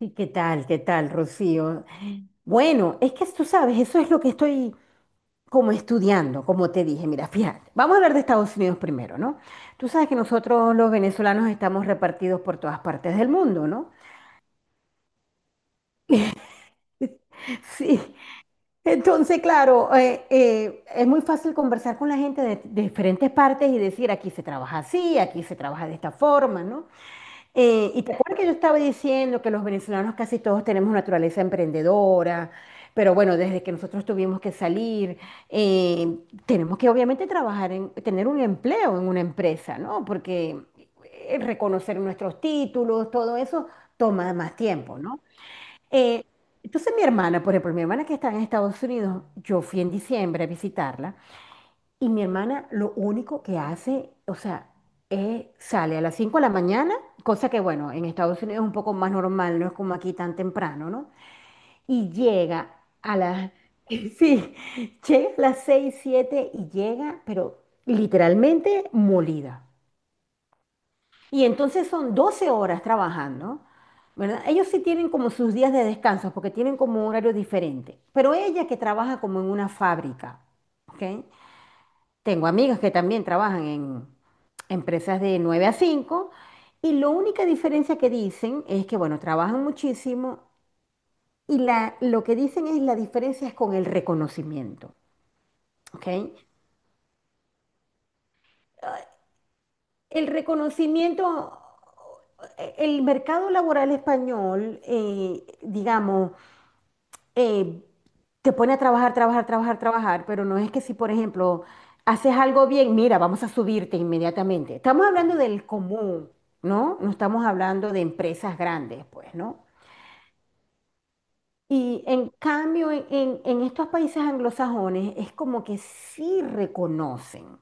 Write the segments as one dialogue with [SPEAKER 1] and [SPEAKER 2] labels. [SPEAKER 1] Sí, ¿qué tal? ¿Qué tal, Rocío? Bueno, es que tú sabes, eso es lo que estoy como estudiando, como te dije. Mira, fíjate, vamos a hablar de Estados Unidos primero, ¿no? Tú sabes que nosotros los venezolanos estamos repartidos por todas partes del mundo, ¿no? Sí. Entonces, claro, es muy fácil conversar con la gente de diferentes partes y decir, aquí se trabaja así, aquí se trabaja de esta forma, ¿no? Y te acuerdas que yo estaba diciendo que los venezolanos casi todos tenemos naturaleza emprendedora, pero bueno, desde que nosotros tuvimos que salir, eh, tenemos que obviamente trabajar en tener un empleo en una empresa, ¿no? Porque reconocer nuestros títulos, todo eso toma más tiempo, ¿no? Eh, entonces mi hermana, por ejemplo, mi hermana que está en Estados Unidos, yo fui en diciembre a visitarla. Y mi hermana lo único que hace, o sea, es sale a las 5 de la mañana, cosa que bueno, en Estados Unidos es un poco más normal, no es como aquí tan temprano, ¿no? Y llega a las, sí, llega a las 6 7 y llega, pero literalmente molida. Y entonces son 12 horas trabajando, ¿verdad? Ellos sí tienen como sus días de descanso porque tienen como un horario diferente, pero ella que trabaja como en una fábrica. ¿Ok? Tengo amigas que también trabajan en empresas de 9 a 5 y la única diferencia que dicen es que, bueno, trabajan muchísimo y lo que dicen es la diferencia es con el reconocimiento, ¿ok? El reconocimiento, el mercado laboral español, digamos, eh, te pone a trabajar, trabajar, trabajar, trabajar, pero no es que si, por ejemplo, haces algo bien, mira, vamos a subirte inmediatamente. Estamos hablando del común, ¿no? No estamos hablando de empresas grandes, pues, ¿no? Y en cambio, en estos países anglosajones es como que sí reconocen.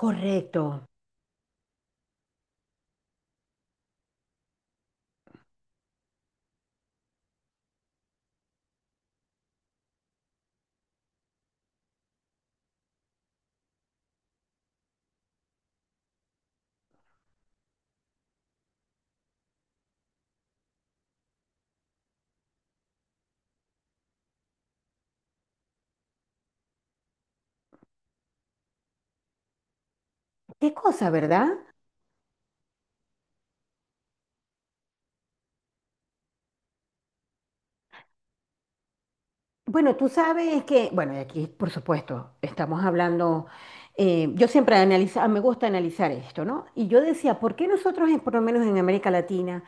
[SPEAKER 1] Correcto. Qué cosa, ¿verdad? Bueno, tú sabes que, bueno, y aquí por supuesto estamos hablando, yo siempre analiza, me gusta analizar esto, ¿no? Y yo decía, ¿por qué nosotros, por lo menos en América Latina,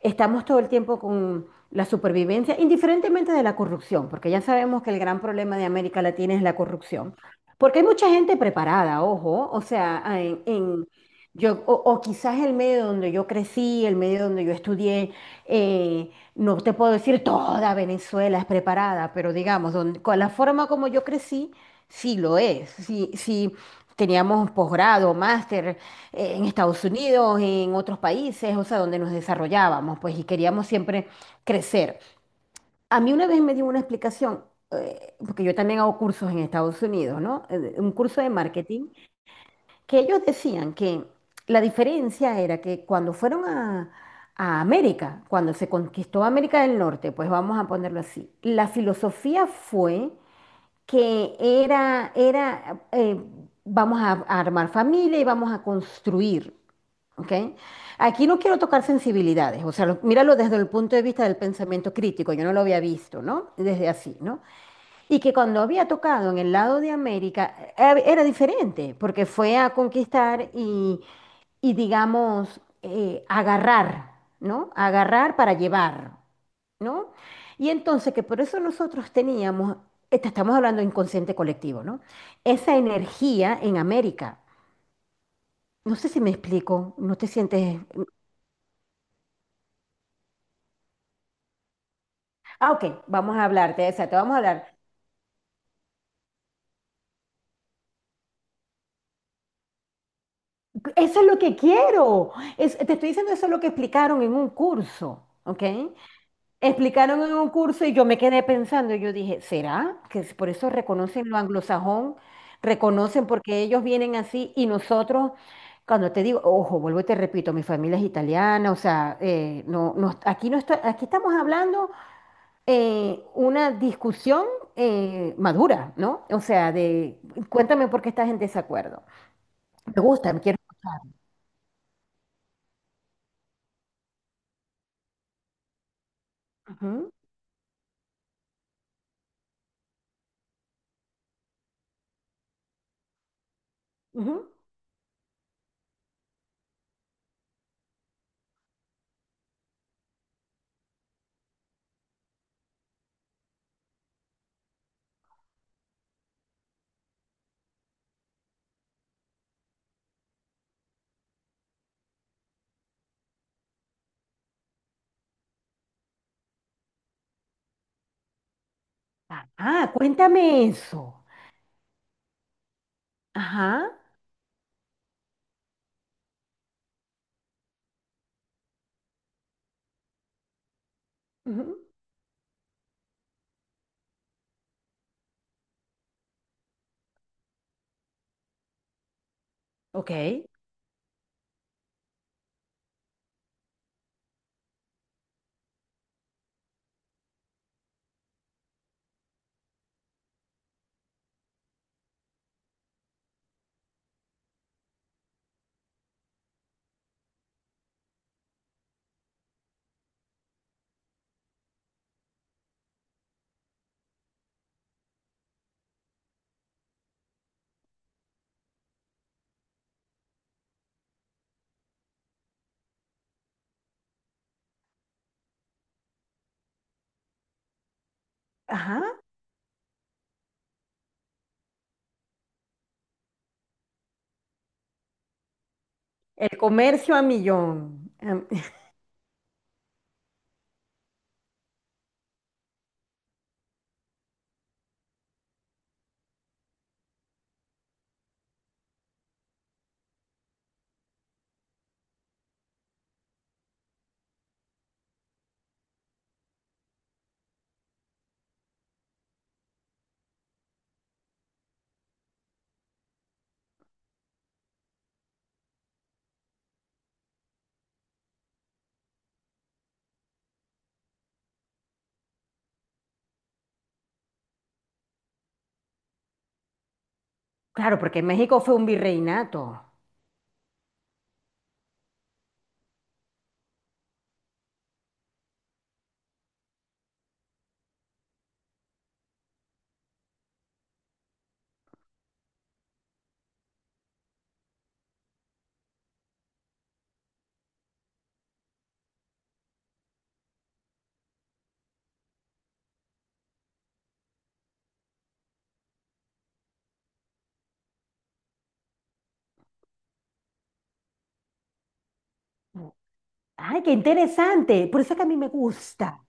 [SPEAKER 1] estamos todo el tiempo con la supervivencia, indiferentemente de la corrupción, porque ya sabemos que el gran problema de América Latina es la corrupción? Porque hay mucha gente preparada, ojo, o sea, yo, o quizás el medio donde yo crecí, el medio donde yo estudié, no te puedo decir toda Venezuela es preparada, pero digamos, con la forma como yo crecí, sí lo es. Sí, sí teníamos posgrado, máster, en Estados Unidos, en otros países, o sea, donde nos desarrollábamos, pues, y queríamos siempre crecer. A mí una vez me dio una explicación, porque yo también hago cursos en Estados Unidos, ¿no? Un curso de marketing, que ellos decían que la diferencia era que cuando fueron a América, cuando se conquistó América del Norte, pues vamos a ponerlo así, la filosofía fue que era vamos a armar familia y vamos a construir. ¿Ok? Aquí no quiero tocar sensibilidades, o sea, míralo desde el punto de vista del pensamiento crítico, yo no lo había visto, ¿no? Desde así, ¿no? Y que cuando había tocado en el lado de América era diferente, porque fue a conquistar y, digamos, agarrar, ¿no? Agarrar para llevar, ¿no? Y entonces que por eso nosotros teníamos, estamos hablando de inconsciente colectivo, ¿no? Esa energía en América. No sé si me explico, ¿no te sientes? Ah, ok, vamos a hablarte, de esa, te vamos a hablar. Eso es lo que quiero. Te estoy diciendo eso es lo que explicaron en un curso, ¿ok? Explicaron en un curso y yo me quedé pensando, y yo dije, ¿será que es por eso reconocen lo anglosajón? Reconocen porque ellos vienen así y nosotros, cuando te digo, ojo, vuelvo y te repito, mi familia es italiana, o sea, aquí, no está, aquí estamos hablando una discusión madura, ¿no? O sea, de, cuéntame por qué estás en desacuerdo. Me gusta, me quiero escuchar. Ujú, ujú. Ah, ah, cuéntame eso. Ajá. Ujú. Ok. Ajá. El comercio a millón. Claro, porque México fue un virreinato. Ay, qué interesante. Por eso es que a mí me gusta.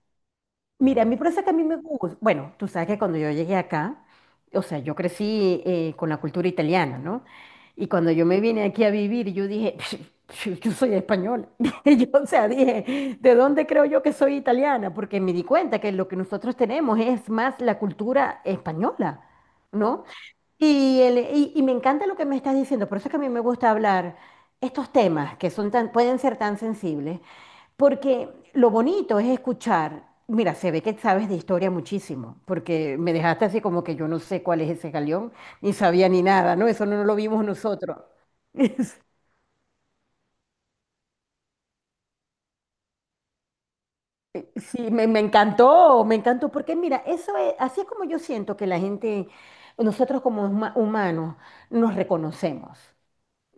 [SPEAKER 1] Mira, a mí por eso que a mí me gusta. Bueno, tú sabes que cuando yo llegué acá, o sea, yo crecí con la cultura italiana, ¿no? Y cuando yo me vine aquí a vivir, yo dije, yo soy española. Yo, o sea, dije, ¿de dónde creo yo que soy italiana? Porque me di cuenta que lo que nosotros tenemos es más la cultura española, ¿no? Y, y me encanta lo que me estás diciendo, por eso es que a mí me gusta hablar estos temas que son tan, pueden ser tan sensibles porque lo bonito es escuchar. Mira, se ve que sabes de historia muchísimo, porque me dejaste así como que yo no sé cuál es ese galeón, ni sabía ni nada, ¿no? Eso no, no lo vimos nosotros. Sí, me encantó, porque mira, eso es, así es como yo siento que la gente, nosotros como humanos, nos reconocemos.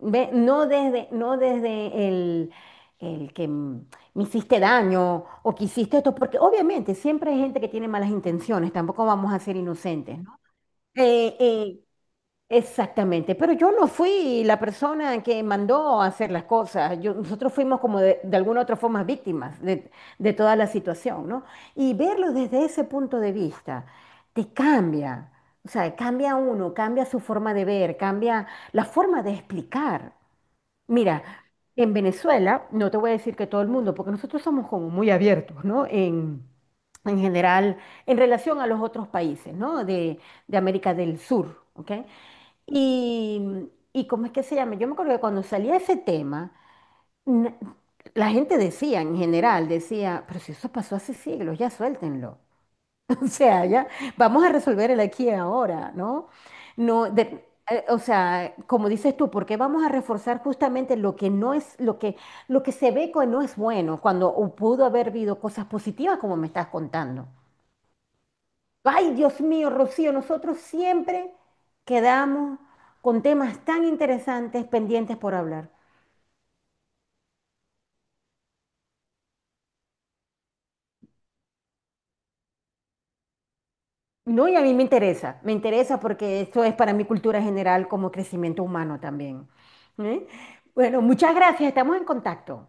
[SPEAKER 1] Ve, no desde, no desde el que mm, me hiciste daño o que hiciste esto, porque obviamente siempre hay gente que tiene malas intenciones, tampoco vamos a ser inocentes, ¿no? Eh, eh, exactamente, pero yo no fui la persona que mandó a hacer las cosas, nosotros fuimos como de, alguna otra forma víctimas de toda la situación, ¿no? Y verlo desde ese punto de vista te cambia, o sea, cambia uno, cambia su forma de ver, cambia la forma de explicar. Mira, en Venezuela, no te voy a decir que todo el mundo, porque nosotros somos como muy abiertos, ¿no? En general, en relación a los otros países, ¿no? De América del Sur, ¿ok? Y, y ¿cómo es que se llama? Yo me acuerdo que cuando salía ese tema, n- la gente decía, en general, decía, pero si eso pasó hace siglos, ya suéltenlo. O sea, ya vamos a resolver el aquí y ahora, ¿no? No, o sea, como dices tú, ¿por qué vamos a reforzar justamente lo que no es, lo que se ve que no es bueno, cuando pudo haber habido cosas positivas como me estás contando? Ay, Dios mío, Rocío, nosotros siempre quedamos con temas tan interesantes pendientes por hablar. No, y a mí me interesa porque esto es para mi cultura general como crecimiento humano también. ¿Eh? Bueno, muchas gracias, estamos en contacto.